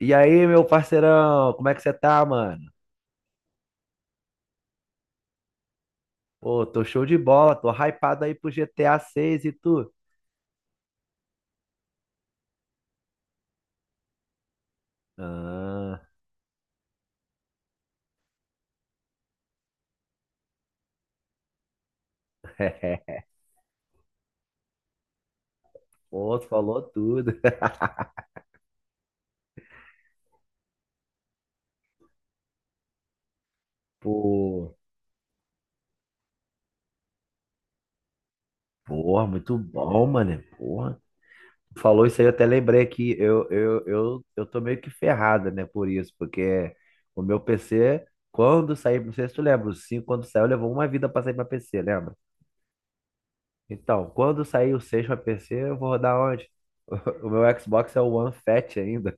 E aí, meu parceirão, como é que você tá, mano? Pô, tô show de bola, tô hypado aí pro GTA 6 e tu? Ah, pô, tu falou tudo. Pô, porra, muito bom, mano. Porra. Tu falou isso aí, eu até lembrei que eu tô meio que ferrado, né, por isso, porque o meu PC, quando saiu, não sei se tu lembra, o 5 quando saiu, levou uma vida pra sair pra PC, lembra? Então, quando sair o 6 pra PC, eu vou rodar onde? O meu Xbox é o One Fat ainda.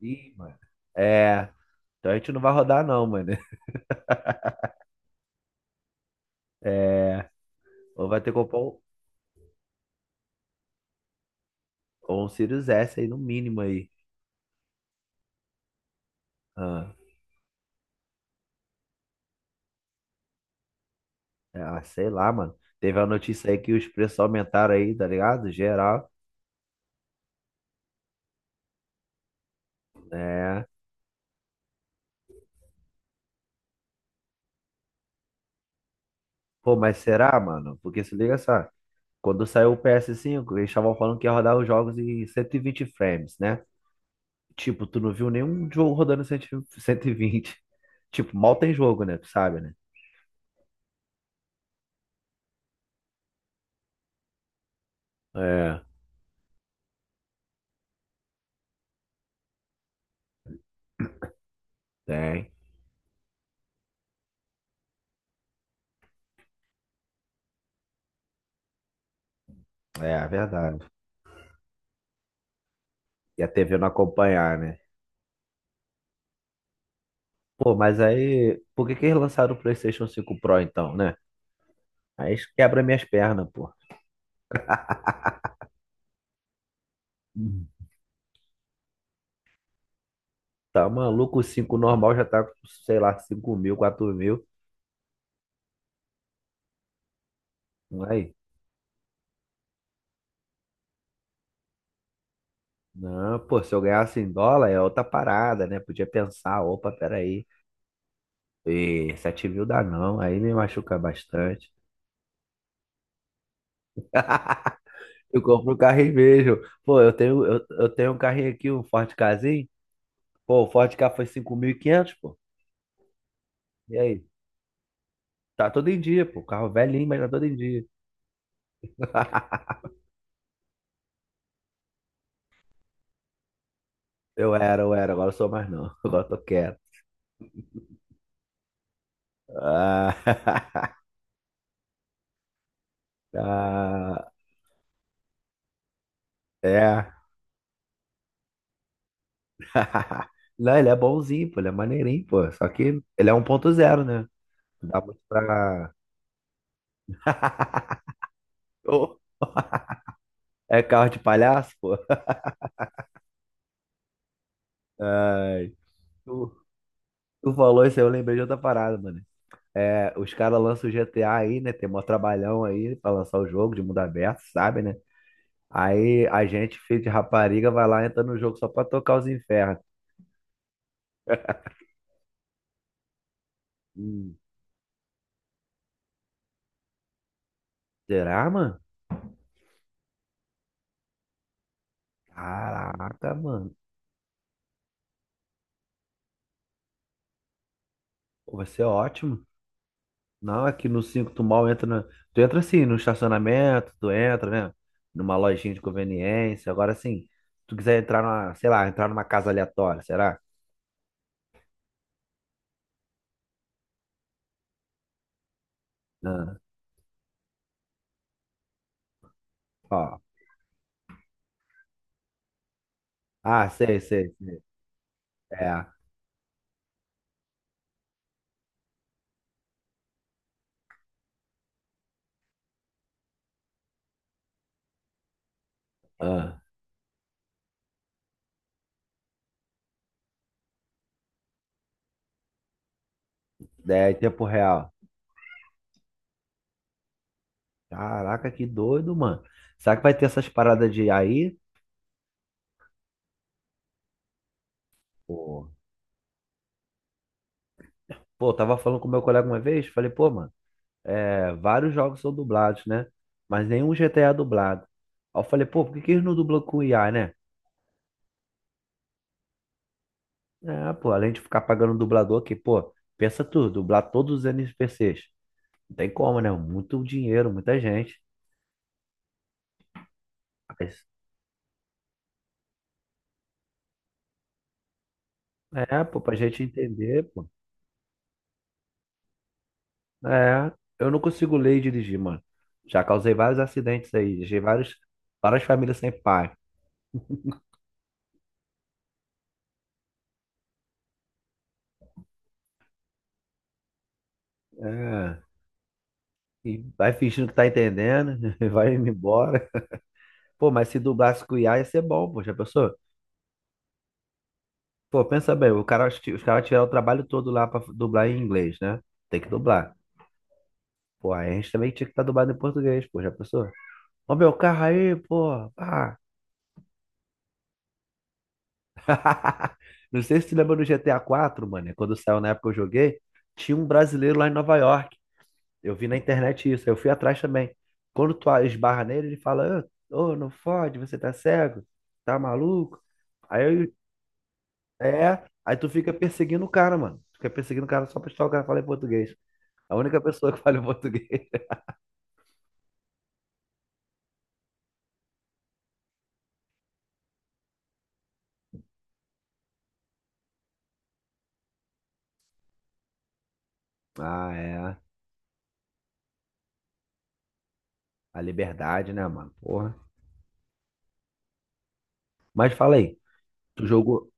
Ih, mano. É. Então a gente não vai rodar, não, mano. É. Ou vai ter que comprar um, ou um Sirius S aí, no mínimo aí. Ah, é, ah, sei lá, mano. Teve a notícia aí que os preços aumentaram aí, tá ligado? Geral. É. Pô, mas será, mano? Porque se liga só. Quando saiu o PS5, eles estavam falando que ia rodar os jogos em 120 frames, né? Tipo, tu não viu nenhum jogo rodando em 120? Tipo, mal tem jogo, né? Tu sabe, né? É, tem. É, é verdade. E a TV não acompanhar, né? Pô, mas aí, por que que eles lançaram o PlayStation 5 Pro então, né? Aí isso quebra minhas pernas, pô. Uhum. Tá maluco, o 5 normal já tá, com, sei lá, 5.000, 4.000. Não é aí, não, pô, se eu ganhasse em dólar é outra parada, né? Podia pensar, opa, peraí, e 7.000 dá não, aí me machuca bastante. Eu compro o carro e vejo. Pô, eu tenho um carrinho aqui, um Ford Kazin. Pô, o Ford Ka foi 5.500, pô. E aí? Tá todo em dia, pô. Carro velhinho, mas tá todo em dia. Eu era, agora eu sou mais não. Agora eu tô quieto. Ah, ah, é. Não, ele é bonzinho, pô, ele é maneirinho, pô. Só que ele é 1.0, né? Dá muito pra. Ô, é carro de palhaço, pô. Ai, tu, tu falou isso aí, eu lembrei de outra parada, mano. É, os caras lançam o GTA aí, né? Tem mó trabalhão aí pra lançar o jogo de mundo aberto, sabe, né? Aí a gente, filho de rapariga, vai lá, entra no jogo só pra tocar os infernos. Hum, Será, mano? Caraca, mano. Pô, vai ser ótimo. Não, aqui no 5 tu mal entra. Tu entra assim, no estacionamento, tu entra, né? Numa lojinha de conveniência. Agora sim, se tu quiser entrar numa, sei lá, entrar numa casa aleatória, será? Ah, ó. Ah, sei, sei, sei. É. Ah, daí é tempo real. Caraca, que doido, mano. Será que vai ter essas paradas de aí? Pô, pô, eu tava falando com meu colega uma vez, falei, pô, mano. É, vários jogos são dublados, né? Mas nenhum GTA é dublado. Aí eu falei, pô, por que que eles não dublam com IA, né? É, pô, além de ficar pagando o dublador aqui, pô, pensa tu, dublar todos os NPCs. Não tem como, né? Muito dinheiro, muita gente. Mas, é, pô, pra gente entender, pô. É, eu não consigo ler e dirigir, mano. Já causei vários acidentes aí, deixei vários, várias famílias sem pai. É, e vai fingindo que tá entendendo, vai indo embora. Pô, mas se dublasse com IA ia ser bom, pô, já pensou? Pô, pensa bem, o cara, os caras tiveram o trabalho todo lá pra dublar em inglês, né? Tem que dublar. Pô, aí a gente também tinha que estar dublado em português, pô, já pensou? Ó meu carro aí, pô. Ah. Não sei se tu lembra do GTA 4, mano, é quando saiu na época que eu joguei, tinha um brasileiro lá em Nova York. Eu vi na internet isso, aí eu fui atrás também. Quando tu esbarra nele, ele fala, ô, ô, não fode, você tá cego, tá maluco? Aí, tu fica perseguindo o cara, mano. Tu fica perseguindo o cara só pra estar o cara falar em português. A única pessoa que fala português. Ah, é. A liberdade, né, mano? Porra. Mas fala aí, tu jogou.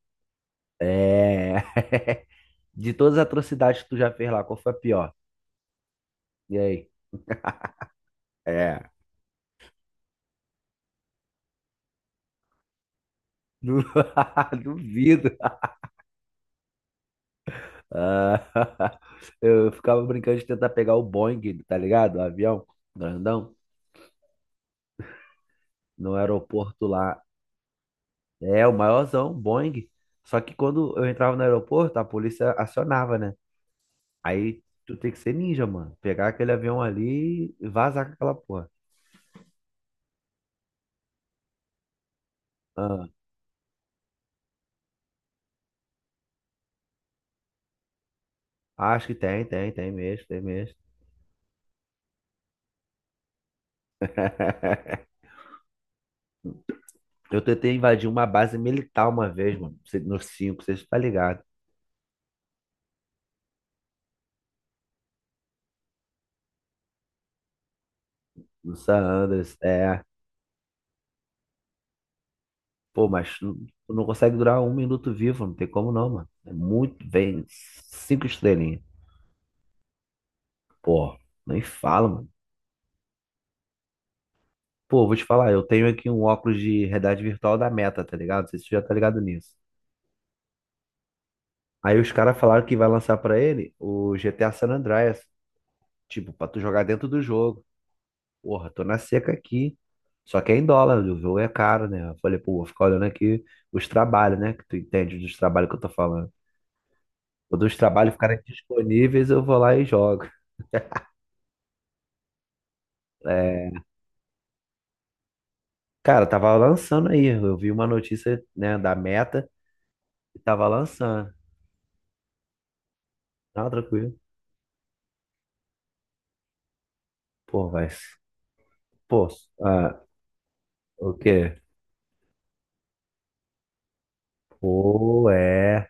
É. De todas as atrocidades que tu já fez lá, qual foi a pior? E aí? É. Du- Duvido. Ah, eu ficava brincando de tentar pegar o Boeing, tá ligado? O avião grandão no aeroporto lá. É, o maiorzão, Boeing. Só que quando eu entrava no aeroporto, a polícia acionava, né? Aí tu tem que ser ninja, mano. Pegar aquele avião ali e vazar com aquela porra. Ah, acho que tem, tem, tem mesmo, tem mesmo. Eu tentei invadir uma base militar uma vez, mano. No 5, vocês tá ligado? No San Andreas, é. Pô, mas tu não consegue durar um minuto vivo, não tem como não, mano. É muito, bem cinco estrelinhas. Pô, nem fala, mano. Pô, vou te falar, eu tenho aqui um óculos de realidade virtual da Meta, tá ligado? Não sei se tu já tá ligado nisso. Aí os caras falaram que vai lançar pra ele o GTA San Andreas, tipo, pra tu jogar dentro do jogo. Porra, tô na seca aqui. Só que é em dólar, o jogo é caro, né? Eu falei, pô, vou ficar olhando aqui os trabalhos, né? Que tu entende dos trabalhos que eu tô falando. Quando os trabalhos ficarem disponíveis, eu vou lá e jogo. É, cara, tava lançando aí. Eu vi uma notícia, né, da Meta e tava lançando. Tá tranquilo. Pô, vai. Pô, ah, o quê? Pô, é.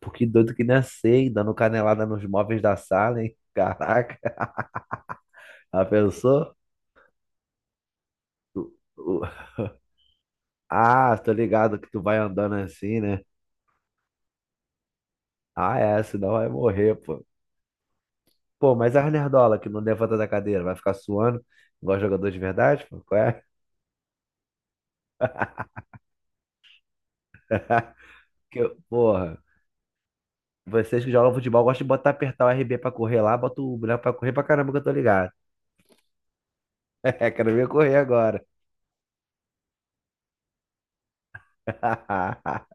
Pô, que doido que nascei, sei, dando canelada nos móveis da sala, hein? Caraca, a pessoa. Tu- o- Ah, tô ligado que tu vai andando assim, né? Ah, é, senão vai morrer, pô. Pô, mas as nerdola que não levanta da cadeira, vai ficar suando, igual jogador de verdade, pô? Qual é? Que, porra, vocês que jogam futebol gostam de botar, apertar o RB pra correr lá, bota o boneco pra correr pra caramba que eu tô ligado. É, quero ver correr agora.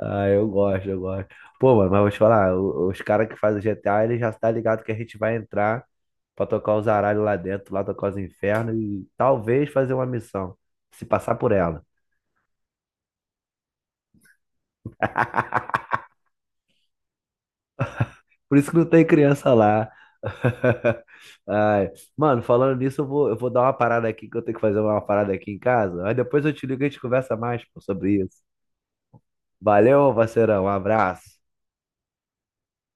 Ah, eu gosto, eu gosto. Pô, mano, mas vou te falar, os caras que fazem GTA, ele já tá ligado que a gente vai entrar pra tocar os aralhos lá dentro, lá tocar os infernos e talvez fazer uma missão, se passar por ela. Por isso que não tem criança lá. Ai, mano, falando nisso, eu vou dar uma parada aqui, que eu tenho que fazer uma parada aqui em casa. Aí depois eu te ligo e a gente conversa mais, pô, sobre isso. Valeu, parceirão, um abraço.